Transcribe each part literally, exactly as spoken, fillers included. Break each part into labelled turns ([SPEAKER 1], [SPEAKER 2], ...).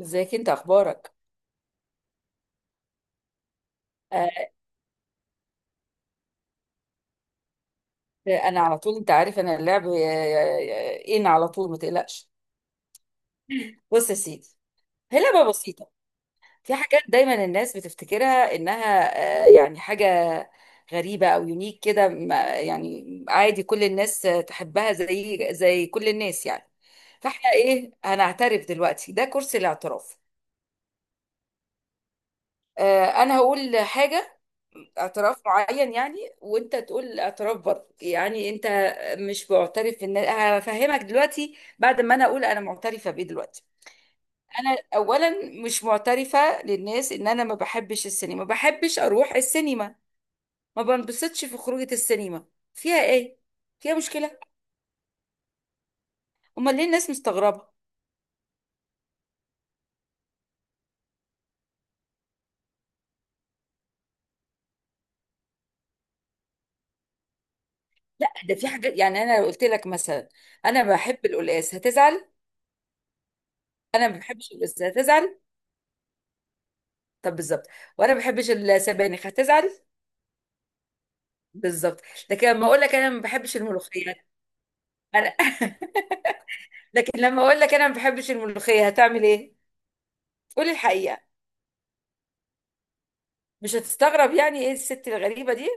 [SPEAKER 1] ازيك؟ انت اخبارك؟ آه، انا على طول، انت عارف انا اللعب. آه، آه، ان على طول ما تقلقش. بص يا سيدي، هي لعبه بسيطه. في حاجات دايما الناس بتفتكرها انها آه، يعني حاجه غريبه او يونيك كده، ما- يعني عادي. كل الناس آه، تحبها، زي زي كل الناس يعني. فاحنا ايه؟ هنعترف دلوقتي، ده كرسي الاعتراف. آه، انا هقول حاجه، اعتراف معين يعني، وانت تقول اعتراف برضه يعني. انت مش معترف ان هفهمك دلوقتي بعد ما انا اقول انا معترفه بايه دلوقتي؟ انا اولا مش معترفه للناس ان انا ما بحبش السينما، ما بحبش اروح السينما، ما بنبسطش في خروجه السينما. فيها ايه؟ فيها مشكله؟ امال ليه الناس مستغربه؟ لا، ده في حاجات يعني. انا لو قلت لك مثلا انا بحب القلقاس، هتزعل؟ انا ما بحبش القلقاس، هتزعل؟ طب بالظبط. وانا ما بحبش السبانخ، هتزعل؟ بالظبط. لكن لما اقول لك انا ما بحبش الملوخيه، انا لكن لما اقول لك انا ما بحبش الملوخيه، هتعمل ايه؟ قولي الحقيقه. مش هتستغرب يعني ايه الست الغريبه دي؟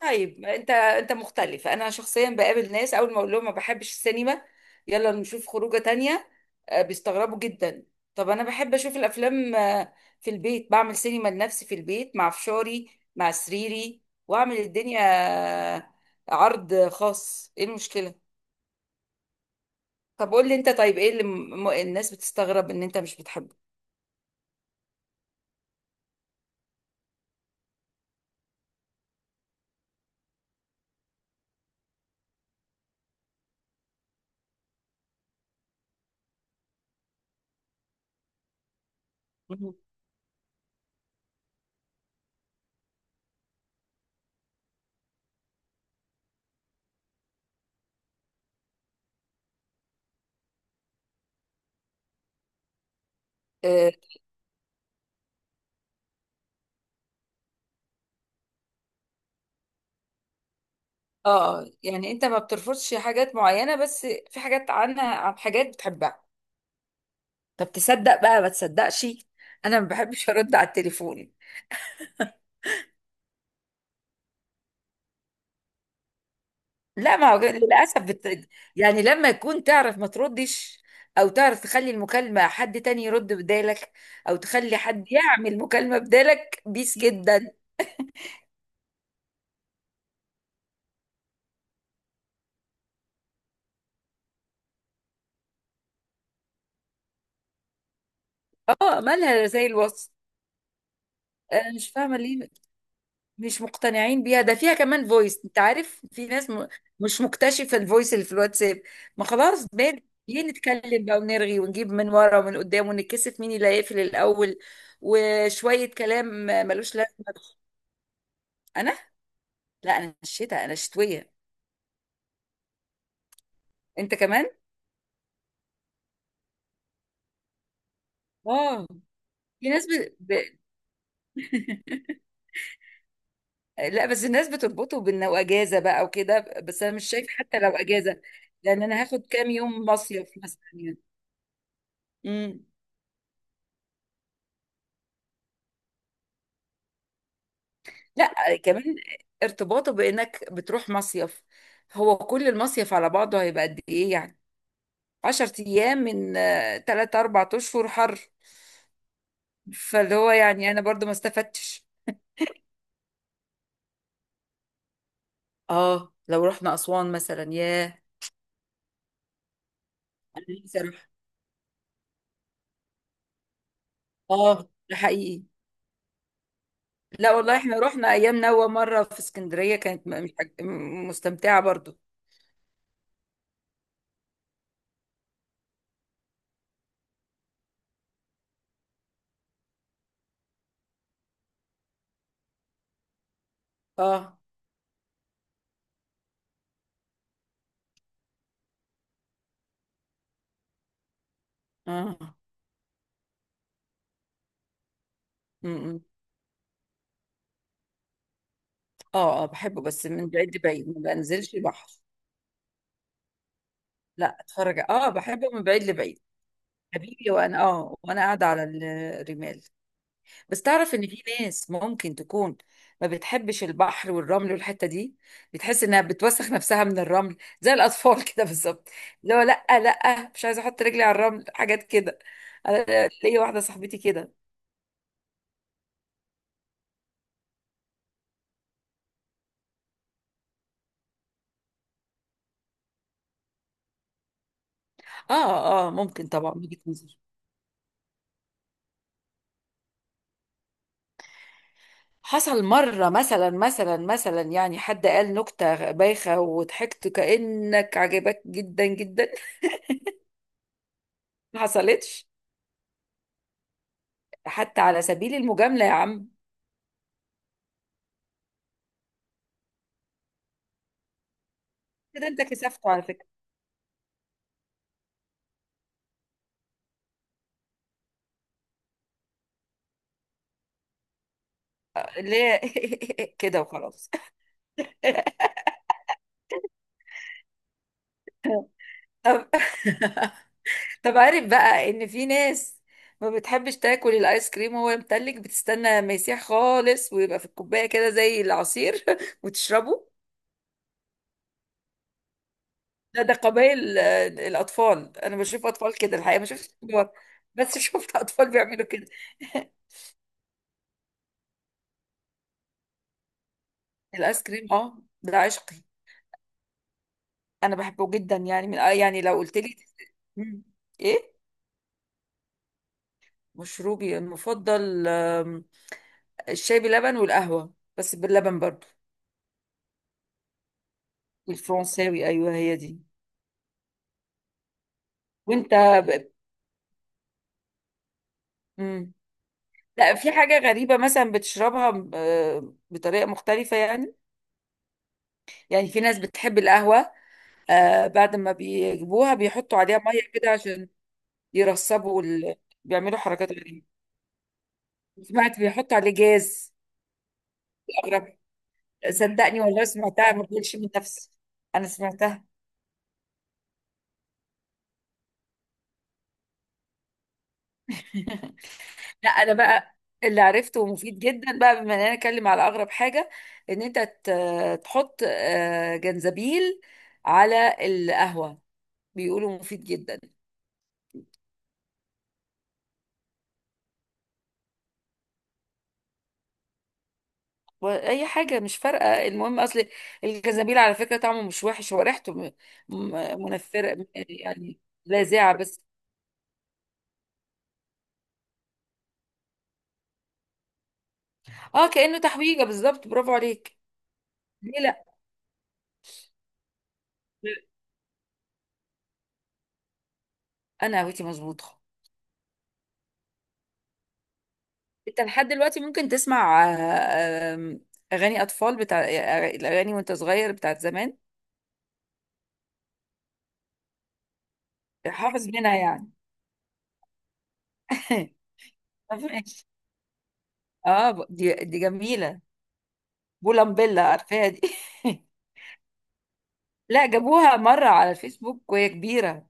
[SPEAKER 1] طيب انت انت مختلف. انا شخصيا بقابل ناس اول ما اقول لهم ما بحبش السينما، يلا نشوف خروجه تانية. آه، بيستغربوا جدا. طب انا بحب اشوف الافلام. آه، في البيت بعمل سينما لنفسي، في البيت مع فشاري، مع سريري، واعمل الدنيا. آه، عرض خاص، ايه المشكله؟ طب قول لي انت، طيب ايه اللي م... م- الناس بتستغرب ان انت مش بتحبه؟ مهم. اه. آه، يعني انت ما بترفضش حاجات معينة، بس في حاجات عنها عن حاجات بتحبها. طب تصدق بقى ما تصدقش، انا ما بحبش ارد على التليفون. لا ما هو للاسف بت... يعني لما يكون تعرف ما تردش، او تعرف تخلي المكالمة حد تاني يرد بدالك، او تخلي حد يعمل مكالمة بدالك بيس جدا. اه مالها زي الوصف. انا مش فاهمة ليه مش مقتنعين بيها. ده فيها كمان فويس، انت عارف في ناس م... مش مكتشفة الفويس اللي في الواتساب. ما خلاص بال، ليه نتكلم بقى ونرغي ونجيب من ورا ومن قدام ونتكسف مين اللي هيقفل الأول وشوية كلام؟ ملوش لازمة. أنا، لا أنا الشتاء، أنا الشتوية. أنت كمان؟ اه، في ناس ب... ب... لا بس الناس بتربطه بأنه أجازة بقى وكده، بس أنا مش شايفة. حتى لو أجازة، لأن أنا هاخد كام يوم مصيف مثلا يعني. امم. لا كمان ارتباطه بانك بتروح مصيف، هو كل المصيف على بعضه هيبقى قد ايه يعني؟ عشر ايام من آه، تلات اربع اشهر حر. فاللي هو يعني انا برضو ما استفدتش. اه لو رحنا اسوان مثلا، ياه. انا نفسي اروح. اه ده حقيقي. لا والله احنا رحنا ايام نوى مره في اسكندريه، كانت م- مش حاج- م- مستمتعه برضو. اه اه. م- م. اه اه بحبه بس من بعيد لبعيد، ما بنزلش البحر. لا اتفرج، اه بحبه من بعيد لبعيد حبيبي. وانا اه وانا قاعده على الرمال. بس تعرف ان في ناس ممكن تكون ما بتحبش البحر والرمل والحته دي. بتحس انها بتوسخ نفسها من الرمل زي الاطفال كده بالظبط. اللي هو لا لا، مش عايزه احط رجلي على الرمل، حاجات كده. انا ليا واحده صاحبتي كده. اه اه ممكن طبعا، وجهة نظر. حصل مره مثلا مثلا مثلا يعني حد قال نكته بايخه وضحكت كانك عجبك جدا جدا؟ ما حصلتش. حتى على سبيل المجامله يا عم؟ كده انت كسفته على فكرة. ليه؟ كده وخلاص. طب. طب عارف بقى ان في ناس ما بتحبش تاكل الايس كريم وهو متلج، بتستنى ما يسيح خالص ويبقى في الكوباية كده زي العصير وتشربه؟ ده ده قبائل آه، الاطفال. انا بشوف اطفال كده الحقيقة، ما شفتش كبار. بس شفت اطفال بيعملوا كده. الايس كريم، اه ده عشقي. انا بحبه جدا يعني، من آه، يعني لو قلت لي. مم. ايه مشروبي المفضل؟ الشاي بلبن، والقهوة بس باللبن برضو. والفرنساوي، أيوه هي دي. وأنت؟ ب... مم. لا، في حاجة غريبة مثلا بتشربها آه، بطريقة مختلفة يعني. يعني في ناس بتحب القهوة آه، بعد ما بيجيبوها بيحطوا عليها مية كده عشان يرسبوا ال... بيعملوا حركات غريبة. سمعت بيحطوا عليه جاز. أغرب. صدقني والله سمعتها، ما بقولش من نفسي، أنا سمعتها. لا انا بقى اللي عرفته ومفيد جدا، بقى بما اننا نتكلم على اغرب حاجه، ان انت ت- تحط آه، جنزبيل على القهوه، بيقولوا مفيد جدا. واي حاجه مش فارقه، المهم اصل الجنزبيل على فكره طعمه مش وحش، هو ريحته م- م- منفره يعني، لاذعه بس. اه كانه تحويجه بالظبط، برافو عليك. ليه لا؟ انا هويتي مظبوطه. انت لحد دلوقتي ممكن تسمع آه، آه، اغاني اطفال بتاع الاغاني وانت صغير بتاعت زمان؟ حافظ منها يعني؟ ماشي. اه ب- دي دي جميله، بولامبيلا، عارفاها دي؟ لا، جابوها مره على الفيسبوك وهي كبيره.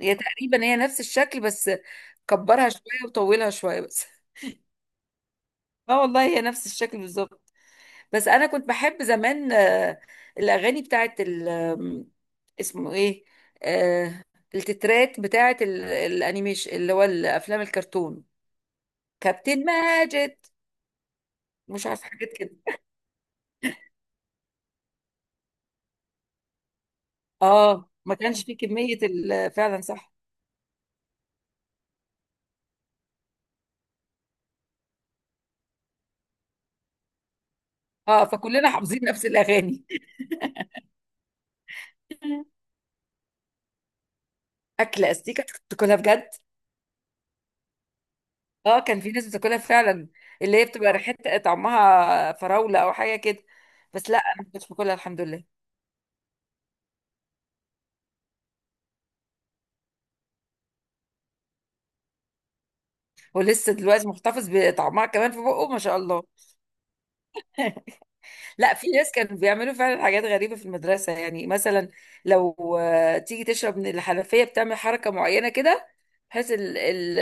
[SPEAKER 1] هي تقريبا هي نفس الشكل، بس كبرها شويه وطولها شويه بس. اه والله هي نفس الشكل بالظبط. بس انا كنت بحب زمان آه، الاغاني بتاعت ال- آم، اسمه ايه؟ آه التترات بتاعت ال- الانيميشن، اللي هو الافلام الكرتون. كابتن ماجد، مش عارفه حاجات كده. اه ما كانش فيه كمية ال- فعلا صح. اه فكلنا حافظين نفس الأغاني. أكل أستيكة، تاكلها بجد؟ اه كان في ناس بتاكلها فعلا، اللي هي بتبقى ريحتها طعمها فراولة أو حاجة كده. بس لا، أنا ما كنتش باكلها الحمد لله. ولسه دلوقتي محتفظ بطعمها كمان في بقه ما شاء الله. لا، في ناس كانوا بيعملوا فعلا حاجات غريبة في المدرسة يعني. مثلا لو آه، تيجي تشرب من الحنفية، بتعمل حركة معينة كده بحيث ال- ال-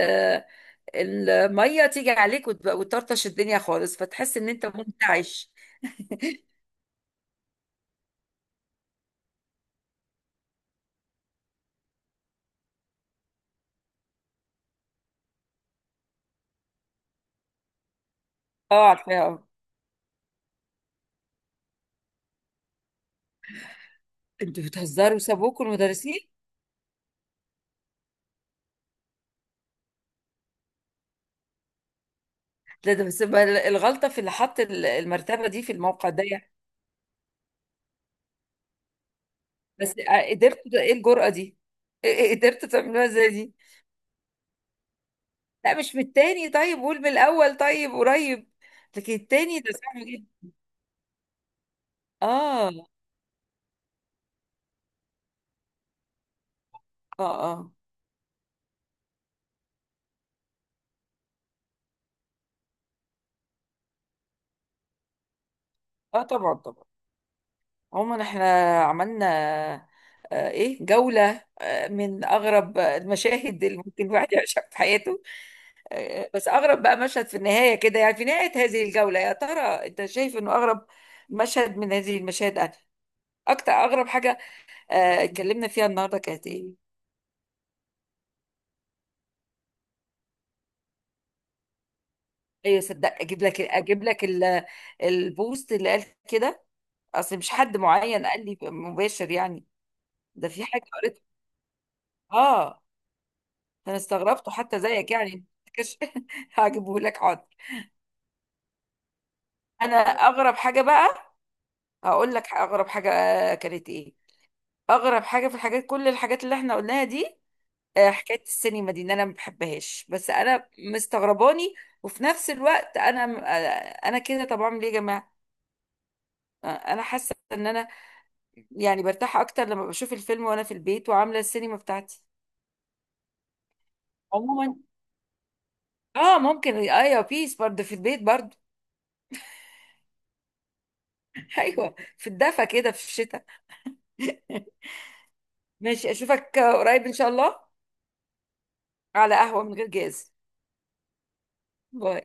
[SPEAKER 1] الميه تيجي عليك وت- وتطرطش الدنيا خالص فتحس ان انت منتعش. اه عارفاها. انتوا بتهزروا، سابوكوا المدرسين. لا ده بس بقى ال- الغلطه في اللي حط ال- المرتبه دي في الموقع ده يعني. بس آه، قدرت ده- ايه الجرأه دي؟ إيه- إيه قدرت تعملوها زي دي؟ لا مش من التاني، طيب قول من الاول طيب قريب. لكن التاني ده صعب جدا. اه اه اه. اه طبعا طبعا. عموما احنا عملنا آه ايه، جولة من أغرب المشاهد اللي ممكن الواحد يعيشها في حياته. آه، بس أغرب بقى مشهد في النهاية كده يعني، في نهاية هذه الجولة، يا ترى أنت شايف إنه أغرب مشهد من هذه المشاهد؟ أنا أكتر، أغرب حاجة آه، اتكلمنا فيها النهاردة كانت إيه؟ أيوة، صدق، أجيب لك أجيب لك ال- البوست اللي قال كده. أصل مش حد معين قال لي مباشر يعني، ده في حاجة قريتها. آه أنا استغربته حتى زيك يعني. هجيبه لك حاضر. أنا أغرب حاجة بقى، هقول لك اغرب حاجه آه، كانت ايه. اغرب حاجه في الحاجات، كل الحاجات اللي احنا قلناها دي، آه، حكايه السينما دي، ان انا ما بحبهاش. بس انا مستغرباني، وفي نفس الوقت انا م- آه، انا كده. طب اعمل ايه يا جماعه؟ آه، انا حاسه ان انا يعني برتاح اكتر لما بشوف الفيلم وانا في البيت، وعامله السينما بتاعتي. عموما اه ممكن، ايوه بيس برضه في البيت برضه. ايوه، في الدفا كده في الشتاء. ماشي، اشوفك آه، قريب ان شاء الله. على قهوه من غير جاز. باي.